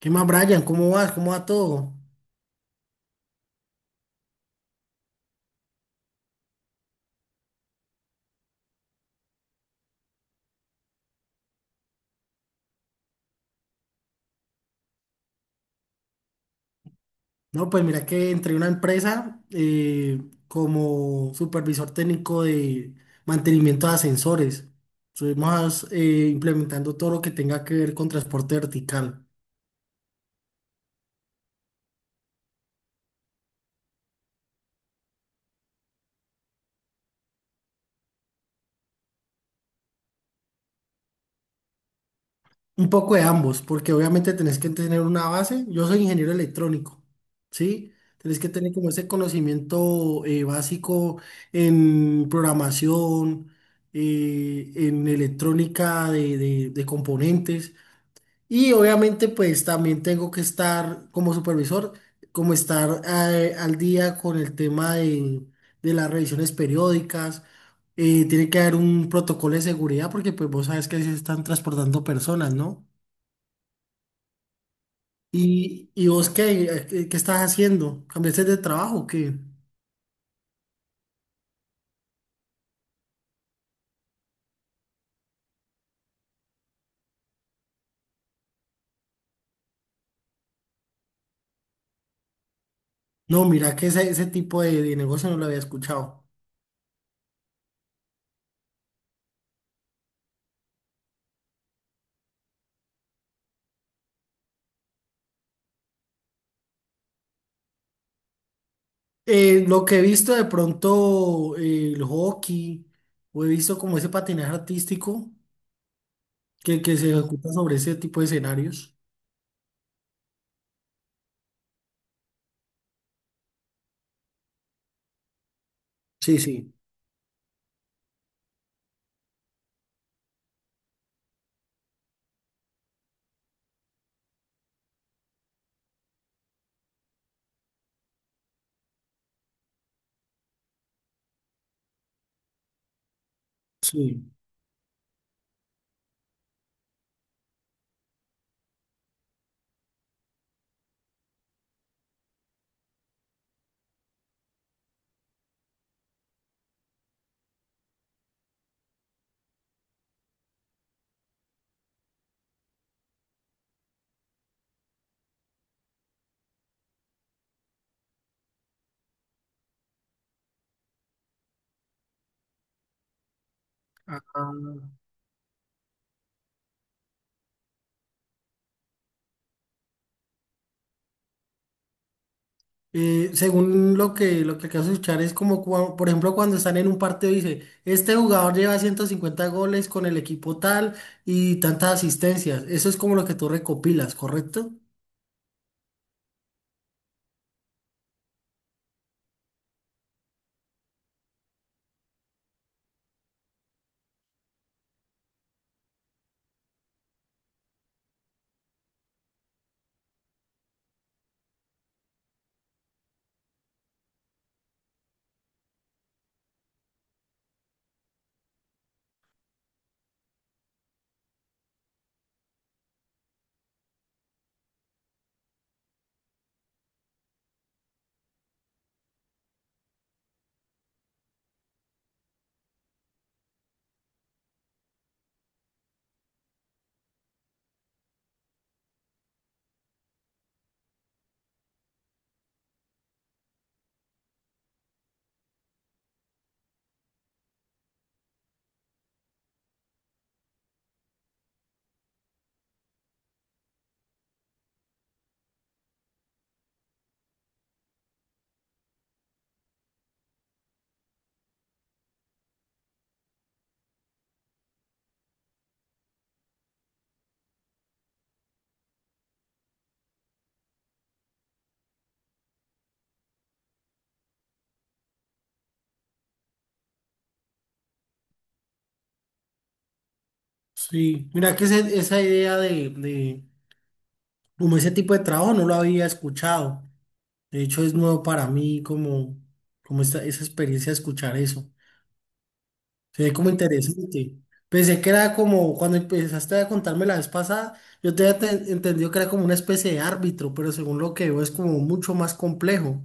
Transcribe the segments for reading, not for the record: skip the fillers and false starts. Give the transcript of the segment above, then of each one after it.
¿Qué más, Brian? ¿Cómo vas? ¿Cómo va todo? No, pues mira que entré a una empresa como supervisor técnico de mantenimiento de ascensores. Estuvimos implementando todo lo que tenga que ver con transporte vertical. Un poco de ambos, porque obviamente tenés que tener una base. Yo soy ingeniero electrónico, ¿sí? Tenés que tener como ese conocimiento básico en programación, en electrónica de componentes. Y obviamente pues también tengo que estar como supervisor, como estar al día con el tema de las revisiones periódicas. Tiene que haber un protocolo de seguridad porque pues vos sabes que se están transportando personas, ¿no? ¿Y vos qué, qué estás haciendo? ¿Cambiaste de trabajo o qué? No, mira que ese tipo de negocio no lo había escuchado. Lo que he visto de pronto el hockey, o he visto como ese patinaje artístico que se ejecuta sobre ese tipo de escenarios. Sí, sí, Sí. Ah, según lo que acabas de escuchar, es como, por ejemplo, cuando están en un partido, dice, este jugador lleva 150 goles con el equipo tal y tantas asistencias. Eso es como lo que tú recopilas, ¿correcto? Sí. Mira que esa idea de como ese tipo de trabajo no lo había escuchado. De hecho, es nuevo para mí como, como esa experiencia de escuchar eso. Se ve como interesante. Pensé que era como cuando empezaste a contarme la vez pasada, yo te había entendido que era como una especie de árbitro, pero según lo que veo es como mucho más complejo.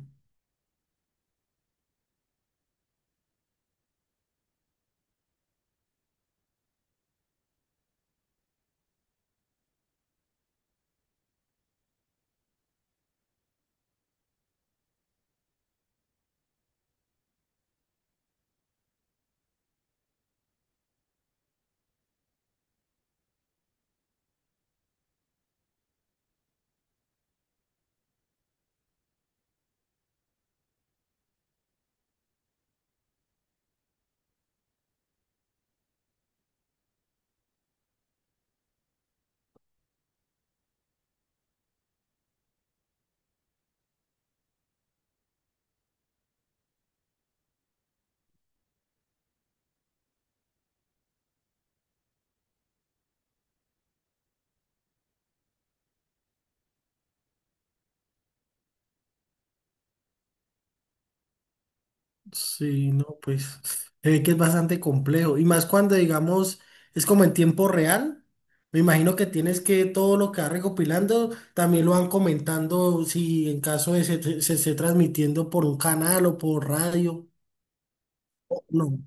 Sí, no, pues se ve que es bastante complejo. Y más cuando, digamos, es como en tiempo real. Me imagino que tienes que todo lo que vas recopilando también lo van comentando si en caso de se esté transmitiendo por un canal o por radio. No.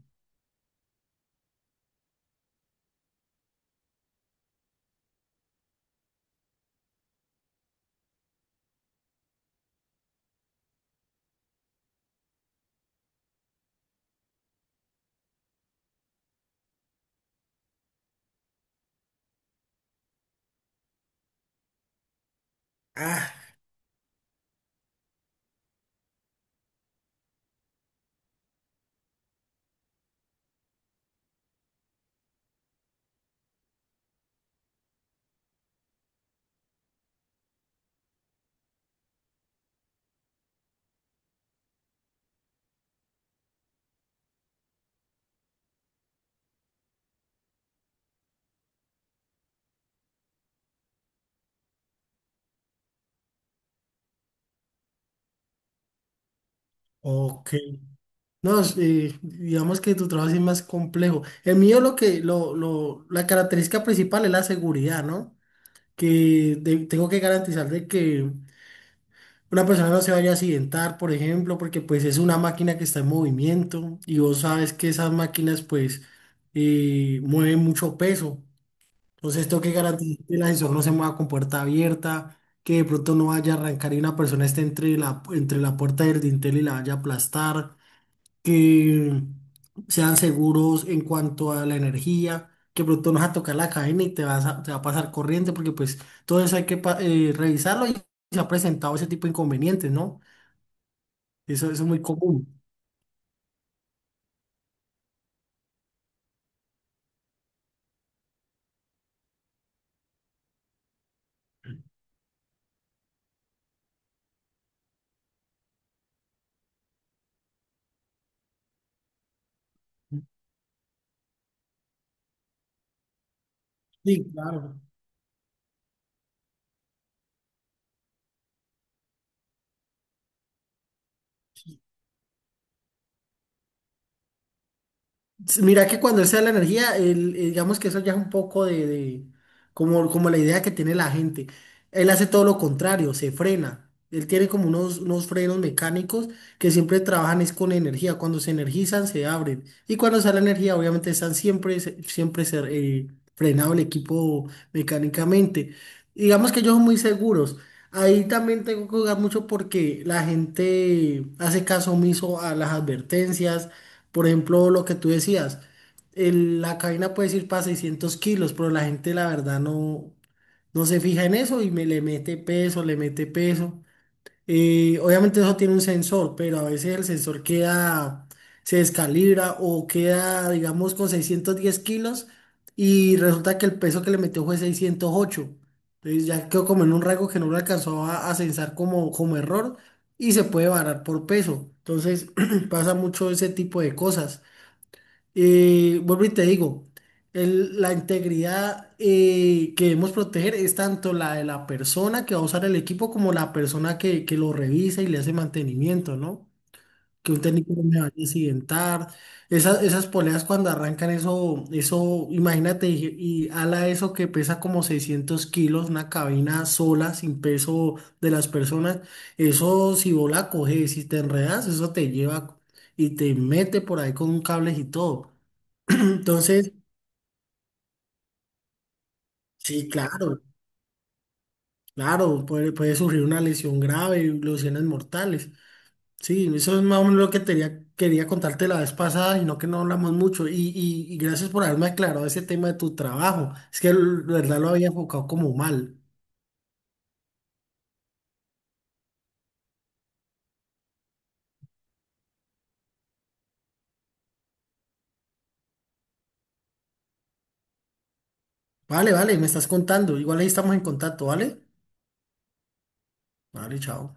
Ah, ok. No, es, digamos que tu trabajo sí es más complejo. El mío lo que, la característica principal es la seguridad, ¿no? Que tengo que garantizar de que una persona no se vaya a accidentar, por ejemplo, porque pues es una máquina que está en movimiento y vos sabes que esas máquinas pues mueven mucho peso. Entonces tengo que garantizar que el ascensor no se mueva con puerta abierta, que de pronto no vaya a arrancar y una persona esté entre la puerta del dintel y la vaya a aplastar, que sean seguros en cuanto a la energía, que pronto nos vas a tocar la cadena y te vas a, te va a pasar corriente, porque pues todo eso hay que revisarlo y se ha presentado ese tipo de inconvenientes, ¿no? Eso es muy común. Sí, claro. S- Mira que cuando él se la energía, él, digamos que eso ya es un poco como, como la idea que tiene la gente. Él hace todo lo contrario, se frena. Él tiene como unos frenos mecánicos que siempre trabajan es con energía. Cuando se energizan, se abren. Y cuando sale energía, obviamente están siempre, eh, frenado el equipo mecánicamente. Digamos que ellos son muy seguros. Ahí también tengo que jugar mucho porque la gente hace caso omiso a las advertencias, por ejemplo, lo que tú decías, la cabina puede ir para 600 kilos, pero la gente la verdad no, no se fija en eso y me le mete peso, le mete peso. Obviamente eso tiene un sensor, pero a veces el sensor queda, se descalibra o queda, digamos, con 610 kilos y resulta que el peso que le metió fue 608. Entonces ya quedó como en un rango que no lo alcanzó a censar como, como error y se puede varar por peso. Entonces pasa mucho ese tipo de cosas. Vuelvo y te digo, la integridad que debemos proteger es tanto la de la persona que va a usar el equipo como la persona que lo revisa y le hace mantenimiento, ¿no? Que un técnico no me vaya a accidentar. Esas poleas cuando arrancan eso, eso, imagínate, y ala eso que pesa como 600 kilos, una cabina sola, sin peso de las personas. Eso si vos la coges, si te enredas, eso te lleva y te mete por ahí con cables y todo. Entonces, sí, claro, claro, puede, puede surgir una lesión grave y lesiones mortales. Sí, eso es más o menos lo que quería contarte la vez pasada, sino que no hablamos mucho. Y, y gracias por haberme aclarado ese tema de tu trabajo. Es que la verdad lo había enfocado como mal. Vale, vale, me estás contando. Igual ahí estamos en contacto, ¿vale? Vale, chao.